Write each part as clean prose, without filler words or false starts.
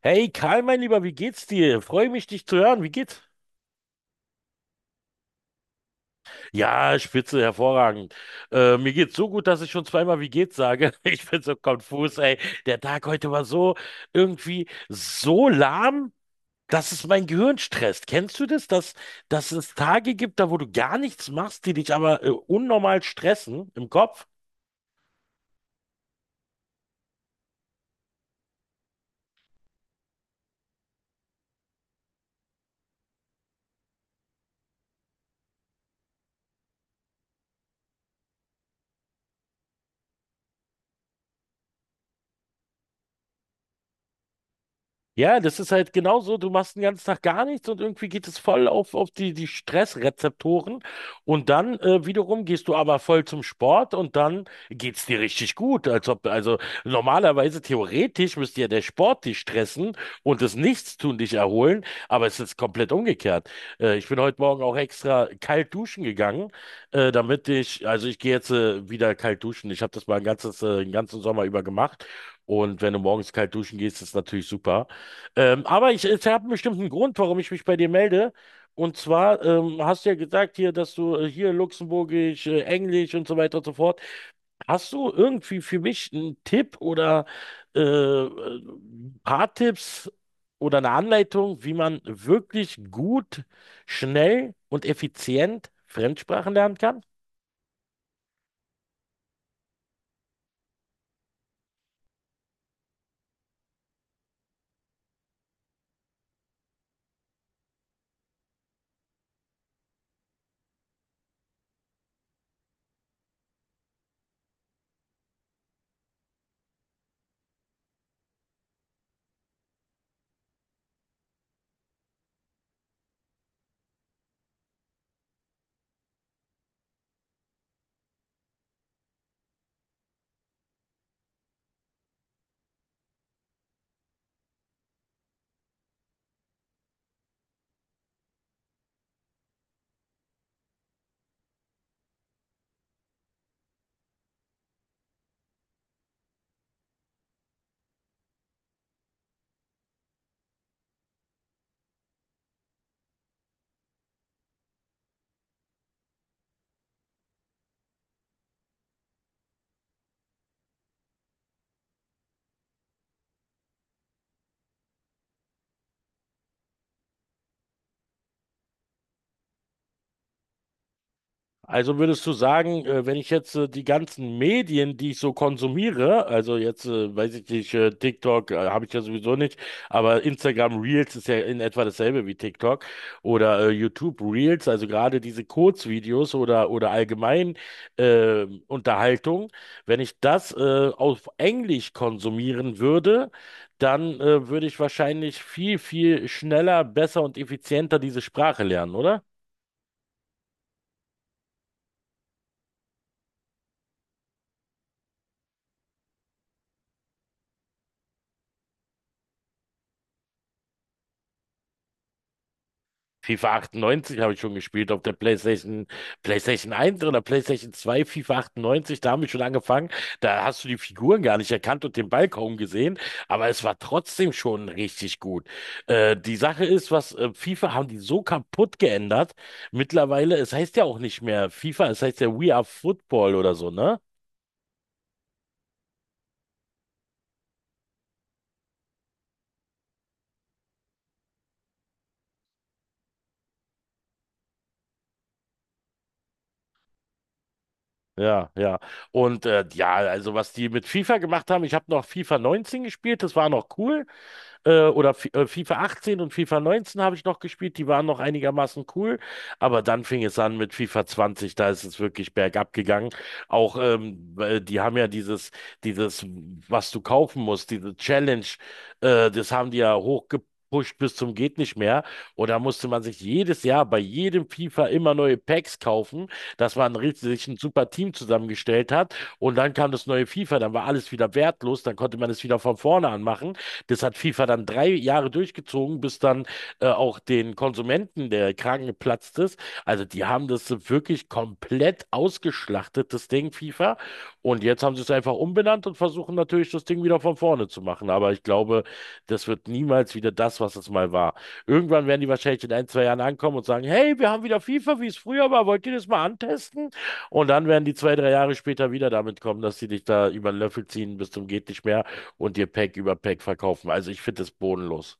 Hey Karl, mein Lieber, wie geht's dir? Freue mich, dich zu hören. Wie geht's? Ja, spitze, hervorragend. Mir geht's so gut, dass ich schon zweimal wie geht's sage. Ich bin so konfus, ey. Der Tag heute war so irgendwie so lahm, dass es mein Gehirn stresst. Kennst du das, dass es Tage gibt, da wo du gar nichts machst, die dich aber unnormal stressen im Kopf? Ja, das ist halt genau so. Du machst den ganzen Tag gar nichts und irgendwie geht es voll auf die Stressrezeptoren und dann wiederum gehst du aber voll zum Sport und dann geht's dir richtig gut. Als ob, also normalerweise theoretisch müsste ja der Sport dich stressen und das Nichtstun dich erholen, aber es ist komplett umgekehrt. Ich bin heute Morgen auch extra kalt duschen gegangen, damit ich, also ich gehe jetzt wieder kalt duschen. Ich habe das mal ein den ganzen Sommer über gemacht. Und wenn du morgens kalt duschen gehst, ist natürlich super. Aber ich habe einen bestimmten Grund, warum ich mich bei dir melde. Und zwar hast du ja gesagt hier, dass du hier Luxemburgisch, Englisch und so weiter und so fort. Hast du irgendwie für mich einen Tipp oder ein paar Tipps oder eine Anleitung, wie man wirklich gut, schnell und effizient Fremdsprachen lernen kann? Also würdest du sagen, wenn ich jetzt die ganzen Medien, die ich so konsumiere, also jetzt weiß ich nicht, TikTok habe ich ja sowieso nicht, aber Instagram Reels ist ja in etwa dasselbe wie TikTok oder YouTube Reels, also gerade diese Kurzvideos oder allgemein Unterhaltung, wenn ich das auf Englisch konsumieren würde, dann würde ich wahrscheinlich viel schneller, besser und effizienter diese Sprache lernen, oder? FIFA 98 habe ich schon gespielt auf der PlayStation, PlayStation 1 oder PlayStation 2, FIFA 98, da haben wir schon angefangen. Da hast du die Figuren gar nicht erkannt und den Ball kaum gesehen, aber es war trotzdem schon richtig gut. Die Sache ist, was FIFA haben die so kaputt geändert. Mittlerweile, es heißt ja auch nicht mehr FIFA, es heißt ja We Are Football oder so, ne? Ja, ja. Und also was die mit FIFA gemacht haben, ich habe noch FIFA 19 gespielt, das war noch cool. Oder F FIFA 18 und FIFA 19 habe ich noch gespielt, die waren noch einigermaßen cool, aber dann fing es an mit FIFA 20, da ist es wirklich bergab gegangen. Auch weil die haben ja dieses, was du kaufen musst, diese Challenge, das haben die ja hochgepusht bis zum geht nicht mehr. Und da musste man sich jedes Jahr bei jedem FIFA immer neue Packs kaufen, dass man richtig sich ein super Team zusammengestellt hat. Und dann kam das neue FIFA, dann war alles wieder wertlos, dann konnte man es wieder von vorne anmachen. Das hat FIFA dann drei Jahre durchgezogen, bis dann auch den Konsumenten der Kragen geplatzt ist. Also die haben das wirklich komplett ausgeschlachtet, das Ding FIFA. Und jetzt haben sie es einfach umbenannt und versuchen natürlich das Ding wieder von vorne zu machen. Aber ich glaube, das wird niemals wieder das, was es mal war. Irgendwann werden die wahrscheinlich in ein, zwei Jahren ankommen und sagen, hey, wir haben wieder FIFA, wie es früher war, wollt ihr das mal antesten? Und dann werden die zwei, drei Jahre später wieder damit kommen, dass sie dich da über den Löffel ziehen bis zum geht nicht mehr und dir Pack über Pack verkaufen. Also ich finde das bodenlos.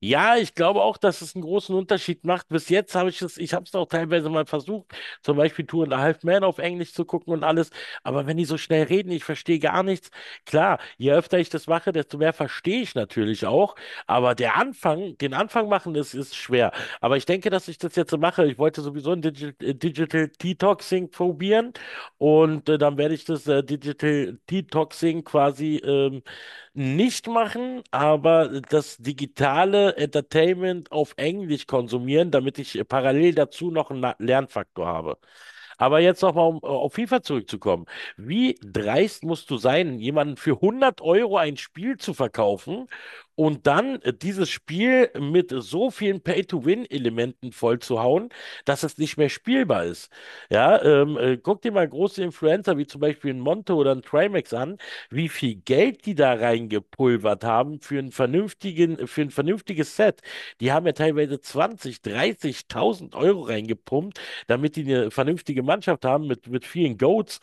Ja, ich glaube auch, dass es einen großen Unterschied macht. Bis jetzt ich habe es auch teilweise mal versucht, zum Beispiel Two and a Half Man auf Englisch zu gucken und alles. Aber wenn die so schnell reden, ich verstehe gar nichts. Klar, je öfter ich das mache, desto mehr verstehe ich natürlich auch. Aber den Anfang machen, das ist schwer. Aber ich denke, dass ich das jetzt so mache. Ich wollte sowieso ein Digital Detoxing probieren und dann werde ich das Digital Detoxing quasi nicht machen, aber das digitale Entertainment auf Englisch konsumieren, damit ich parallel dazu noch einen Lernfaktor habe. Aber jetzt nochmal, um auf FIFA zurückzukommen. Wie dreist musst du sein, jemanden für 100 € ein Spiel zu verkaufen und dann dieses Spiel mit so vielen Pay-to-Win-Elementen vollzuhauen, dass es nicht mehr spielbar ist? Ja, Guck dir mal große Influencer wie zum Beispiel ein Monte oder ein Trimax an, wie viel Geld die da reingepulvert haben für einen für ein vernünftiges Set. Die haben ja teilweise 20, 30.000 € reingepumpt, damit die eine vernünftige Mannschaft haben mit vielen Goats.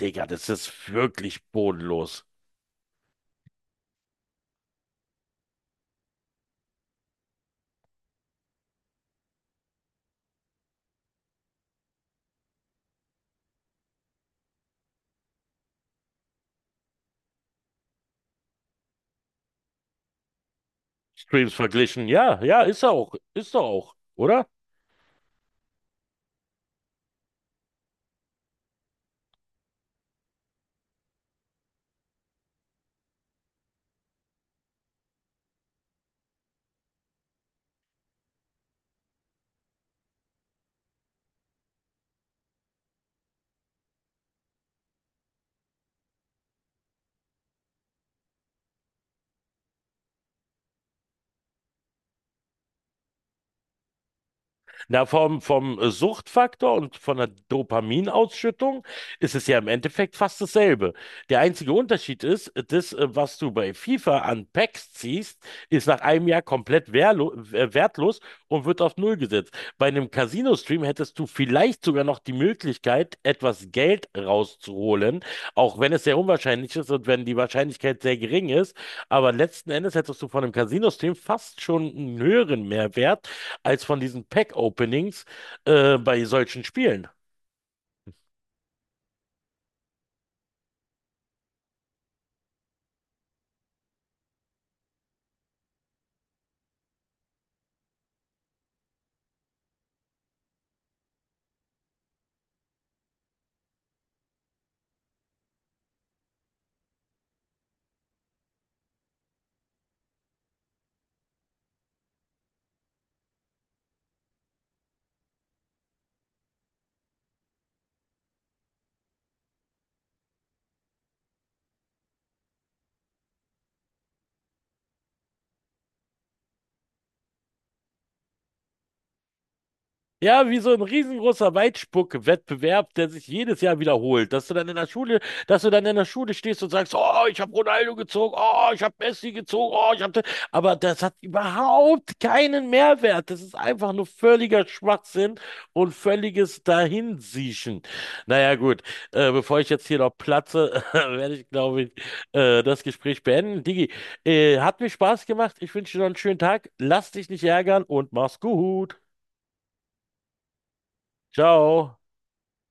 Digga, das ist wirklich bodenlos. Streams verglichen. Ja, ja, ist er auch. Ist doch auch, oder? Na, vom Suchtfaktor und von der Dopaminausschüttung ist es ja im Endeffekt fast dasselbe. Der einzige Unterschied ist, was du bei FIFA an Packs ziehst, ist nach einem Jahr komplett wehrlo wertlos und wird auf Null gesetzt. Bei einem Casino-Stream hättest du vielleicht sogar noch die Möglichkeit, etwas Geld rauszuholen, auch wenn es sehr unwahrscheinlich ist und wenn die Wahrscheinlichkeit sehr gering ist. Aber letzten Endes hättest du von einem Casino-Stream fast schon einen höheren Mehrwert als von diesen Pack-Openings bei solchen Spielen. Ja, wie so ein riesengroßer Weitspuck-Wettbewerb, der sich jedes Jahr wiederholt. Dass du dann in der Schule stehst und sagst, oh, ich habe Ronaldo gezogen, oh, ich habe Messi gezogen, oh, ich habe. Aber das hat überhaupt keinen Mehrwert. Das ist einfach nur völliger Schwachsinn und völliges Dahinsiechen. Naja, gut, bevor ich jetzt hier noch platze, werde ich, glaube ich, das Gespräch beenden. Digi, hat mir Spaß gemacht. Ich wünsche dir noch einen schönen Tag. Lass dich nicht ärgern und mach's gut. Ciao.